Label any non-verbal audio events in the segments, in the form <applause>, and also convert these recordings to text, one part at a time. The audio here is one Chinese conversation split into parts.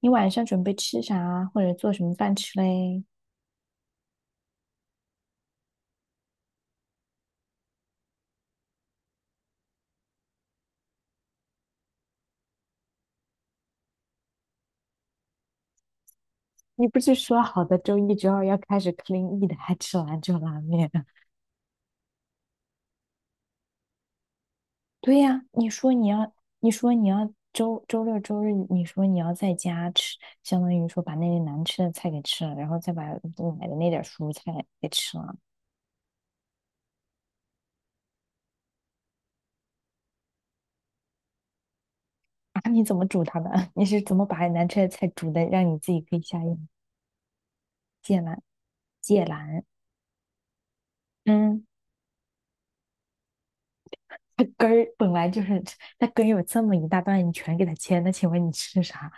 你晚上准备吃啥，或者做什么饭吃嘞？你不是说好的周一、周二要开始 clean eat，还吃兰州拉面？<laughs> 对呀，你说你要周六周日，你说你要在家吃，相当于说把那些难吃的菜给吃了，然后再把买的那点蔬菜给吃了。啊，你怎么煮它的？<laughs> 你是怎么把难吃的菜煮的，让你自己可以下咽？芥兰，芥兰，嗯，它根儿本来就是它根儿有这么一大段，你全给它切，那请问你吃啥？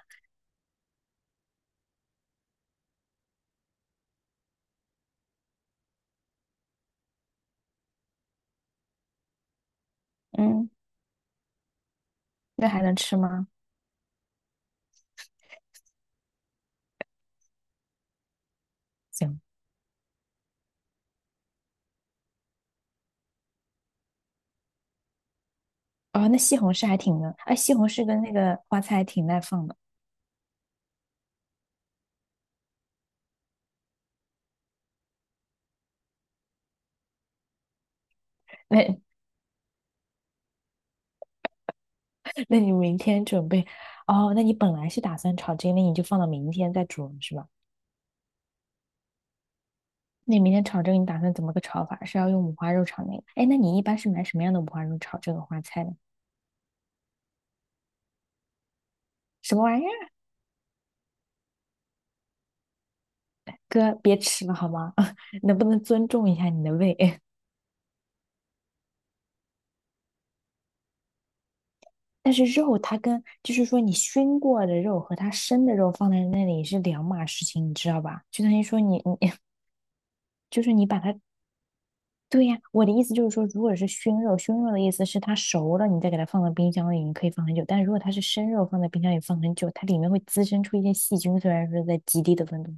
嗯，那还能吃吗？行，哦，那西红柿还挺能，哎，西红柿跟那个花菜还挺耐放的。那 <laughs> 那你明天准备？哦，那你本来是打算炒这个，那你就放到明天再煮了是吧？那你明天炒这个，你打算怎么个炒法？是要用五花肉炒那个？哎，那你一般是买什么样的五花肉炒这个花菜呢？什么玩意儿？哥，别吃了好吗？<laughs> 能不能尊重一下你的胃？<laughs> 但是肉它跟就是说你熏过的肉和它生的肉放在那里是两码事情，你知道吧？就等于说你你就是你把它，对呀，我的意思就是说，如果是熏肉，熏肉的意思是它熟了，你再给它放到冰箱里，你可以放很久。但如果它是生肉，放在冰箱里放很久，它里面会滋生出一些细菌，虽然说在极低的温度。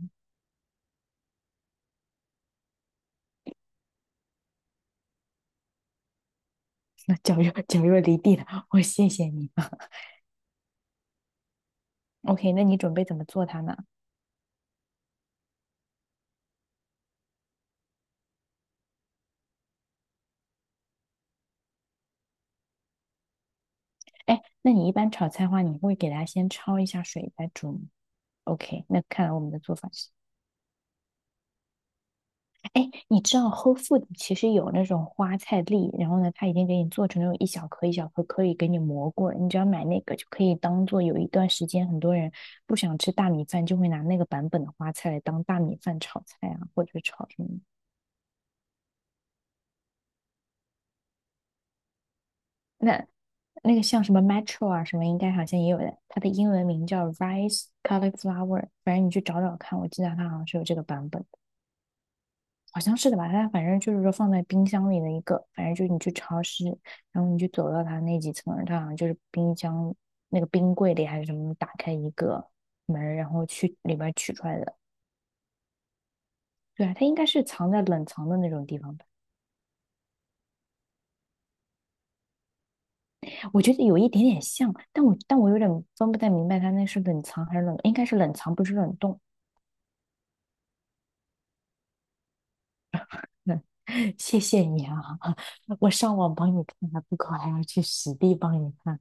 <laughs> 那绞肉离地了，我谢谢你。啊 <laughs> OK，那你准备怎么做它呢？哎，那你一般炒菜的话，你会给它先焯一下水再煮吗？OK，那看来我们的做法是。哎，你知道 Whole Food 其实有那种花菜粒，然后呢，它已经给你做成那种一小颗一小颗，可以给你磨过你只要买那个，就可以当做有一段时间，很多人不想吃大米饭，就会拿那个版本的花菜来当大米饭炒菜啊，或者炒什么。那那个像什么 Metro 啊什么，应该好像也有的。它的英文名叫 Rice Cauliflower，反正你去找找看，我记得它好像是有这个版本。好像是的吧？它反正就是说放在冰箱里的一个，反正就是你去超市，然后你就走到它那几层，它好像就是冰箱那个冰柜里还是什么，打开一个门，然后去里边取出来的。对啊，它应该是藏在冷藏的那种地方吧？我觉得有一点点像，但我有点分不太明白它那是冷藏还是冷，应该是冷藏，不是冷冻。嗯，谢谢你啊，<laughs> 我上网帮你看还不够，还要去实地帮你看。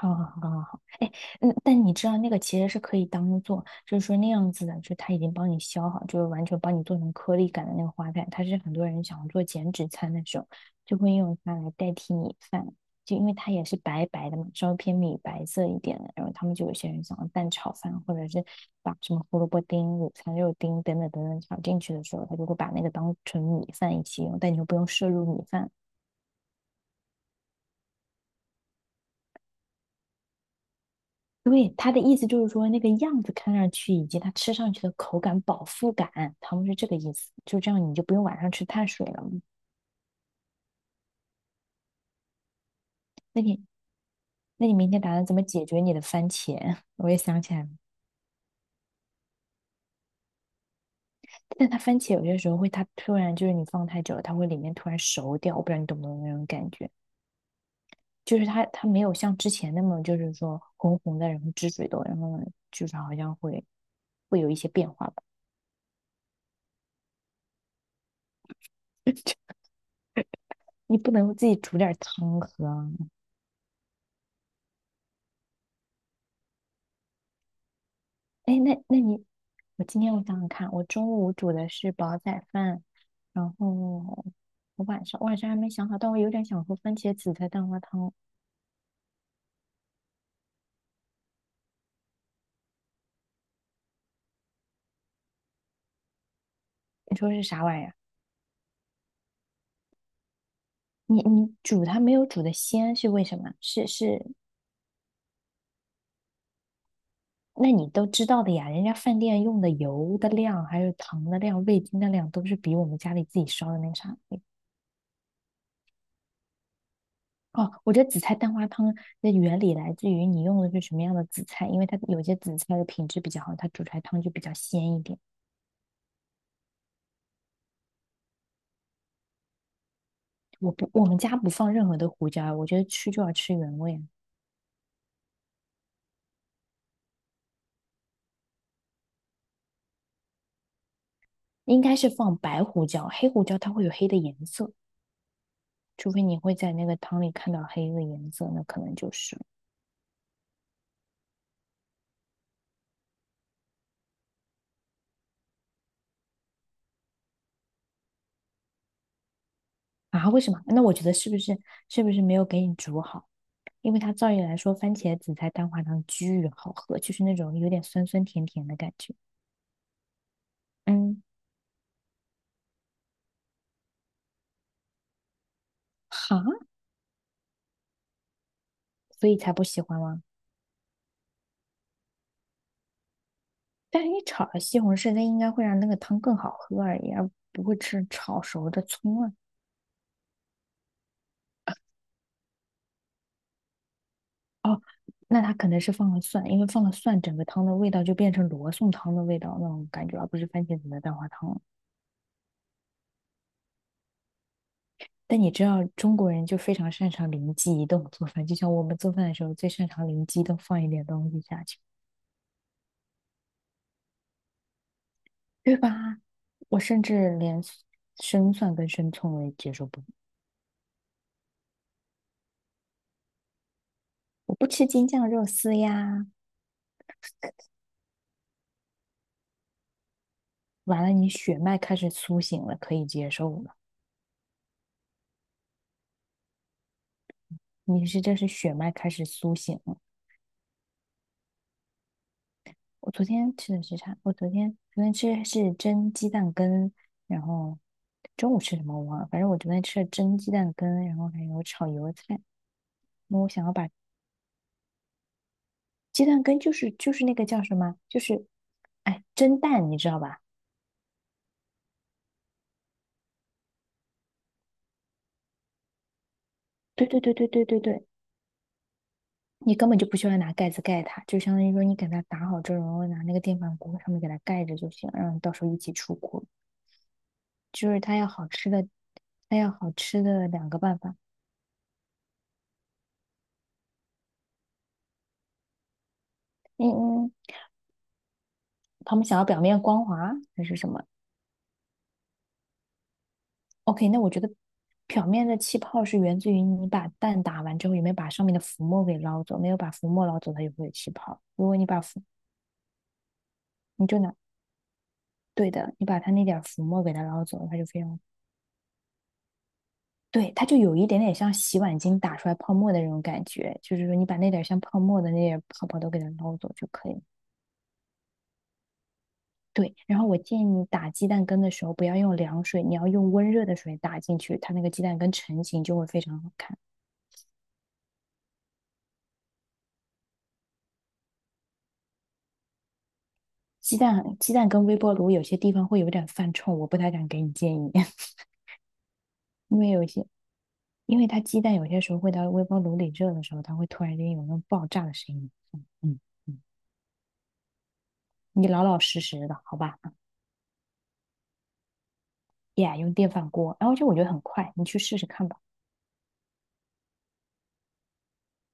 好好好好好，哎，嗯，但你知道那个其实是可以当做，就是说那样子的，就它已经帮你削好，就是完全帮你做成颗粒感的那个花菜，它是很多人想要做减脂餐的时候，就会用它来代替米饭，就因为它也是白白的嘛，稍微偏米白色一点的，然后他们就有些人想要蛋炒饭，或者是把什么胡萝卜丁、午餐肉丁等等炒进去的时候，他就会把那个当成米饭一起用，但你就不用摄入米饭。对，他的意思就是说，那个样子看上去以及它吃上去的口感、饱腹感，他们是这个意思。就这样，你就不用晚上吃碳水了。那你，那你明天打算怎么解决你的番茄？<laughs> 我也想起来了，但它番茄有些时候会，它突然就是你放太久了，它会里面突然熟掉。我不知道你懂不懂那种感觉，就是它没有像之前那么就是说红红的，然后汁水多，然后就是好像会有一些变化吧。<laughs> 你不能自己煮点汤喝啊哎，那那你，我今天我想想看，我中午煮的是煲仔饭，然后我晚上还没想好，但我有点想喝番茄紫菜蛋花汤。你说是啥玩意儿啊？你你煮它没有煮的鲜是为什么？是，那你都知道的呀，人家饭店用的油的量、还有糖的量、味精的量都是比我们家里自己烧的那个啥的。哦，我觉得紫菜蛋花汤的原理来自于你用的是什么样的紫菜，因为它有些紫菜的品质比较好，它煮出来汤就比较鲜一点。我们家不放任何的胡椒，我觉得吃就要吃原味啊应该是放白胡椒，黑胡椒它会有黑的颜色，除非你会在那个汤里看到黑的颜色，那可能就是啊，为什么？那我觉得是不是没有给你煮好？因为它照理来说，番茄紫菜蛋花汤巨好喝，就是那种有点酸酸甜甜的感觉。嗯，哈，所以才不喜欢吗？但是你炒了西红柿，那应该会让那个汤更好喝而已，而不会吃炒熟的葱啊。哦，那他可能是放了蒜，因为放了蒜，整个汤的味道就变成罗宋汤的味道那种感觉，而不是番茄子的蛋花汤。但你知道中国人就非常擅长灵机一动做饭，就像我们做饭的时候最擅长灵机一动放一点东西下去，对吧？我甚至连生蒜跟生葱我也接受不了，我不吃京酱肉丝呀。完了，你血脉开始苏醒了，可以接受了。你是这是血脉开始苏醒了。我昨天吃的是啥？我昨天吃的是蒸鸡蛋羹，然后中午吃什么我忘了，反正我昨天吃了蒸鸡蛋羹，然后还有炒油菜。那我想要把鸡蛋羹就是那个叫什么，就是哎蒸蛋，你知道吧？对对对对对对对，你根本就不需要拿盖子盖它，就相当于说你给它打好之后，然后拿那个电饭锅上面给它盖着就行，让你到时候一起出锅。就是它要好吃的，它要好吃的两个办法。嗯嗯。他们想要表面光滑还是什么？OK，那我觉得表面的气泡是源自于你把蛋打完之后有没有把上面的浮沫给捞走，没有把浮沫捞走，它就会有气泡。如果你把浮，你就拿，对的，你把它那点浮沫给它捞走，它就非常，对，它就有一点点像洗碗巾打出来泡沫的那种感觉，就是说你把那点像泡沫的那点泡泡都给它捞走就可以了。对，然后我建议你打鸡蛋羹的时候不要用凉水，你要用温热的水打进去，它那个鸡蛋羹成型就会非常好看。鸡蛋跟微波炉有些地方会有点犯冲，我不太敢给你建议，<laughs> 因为有些，因为它鸡蛋有些时候会到微波炉里热的时候，它会突然间有那种爆炸的声音。嗯嗯，你老老实实的，好吧？呀，用电饭锅，然后就我觉得很快，你去试试看吧。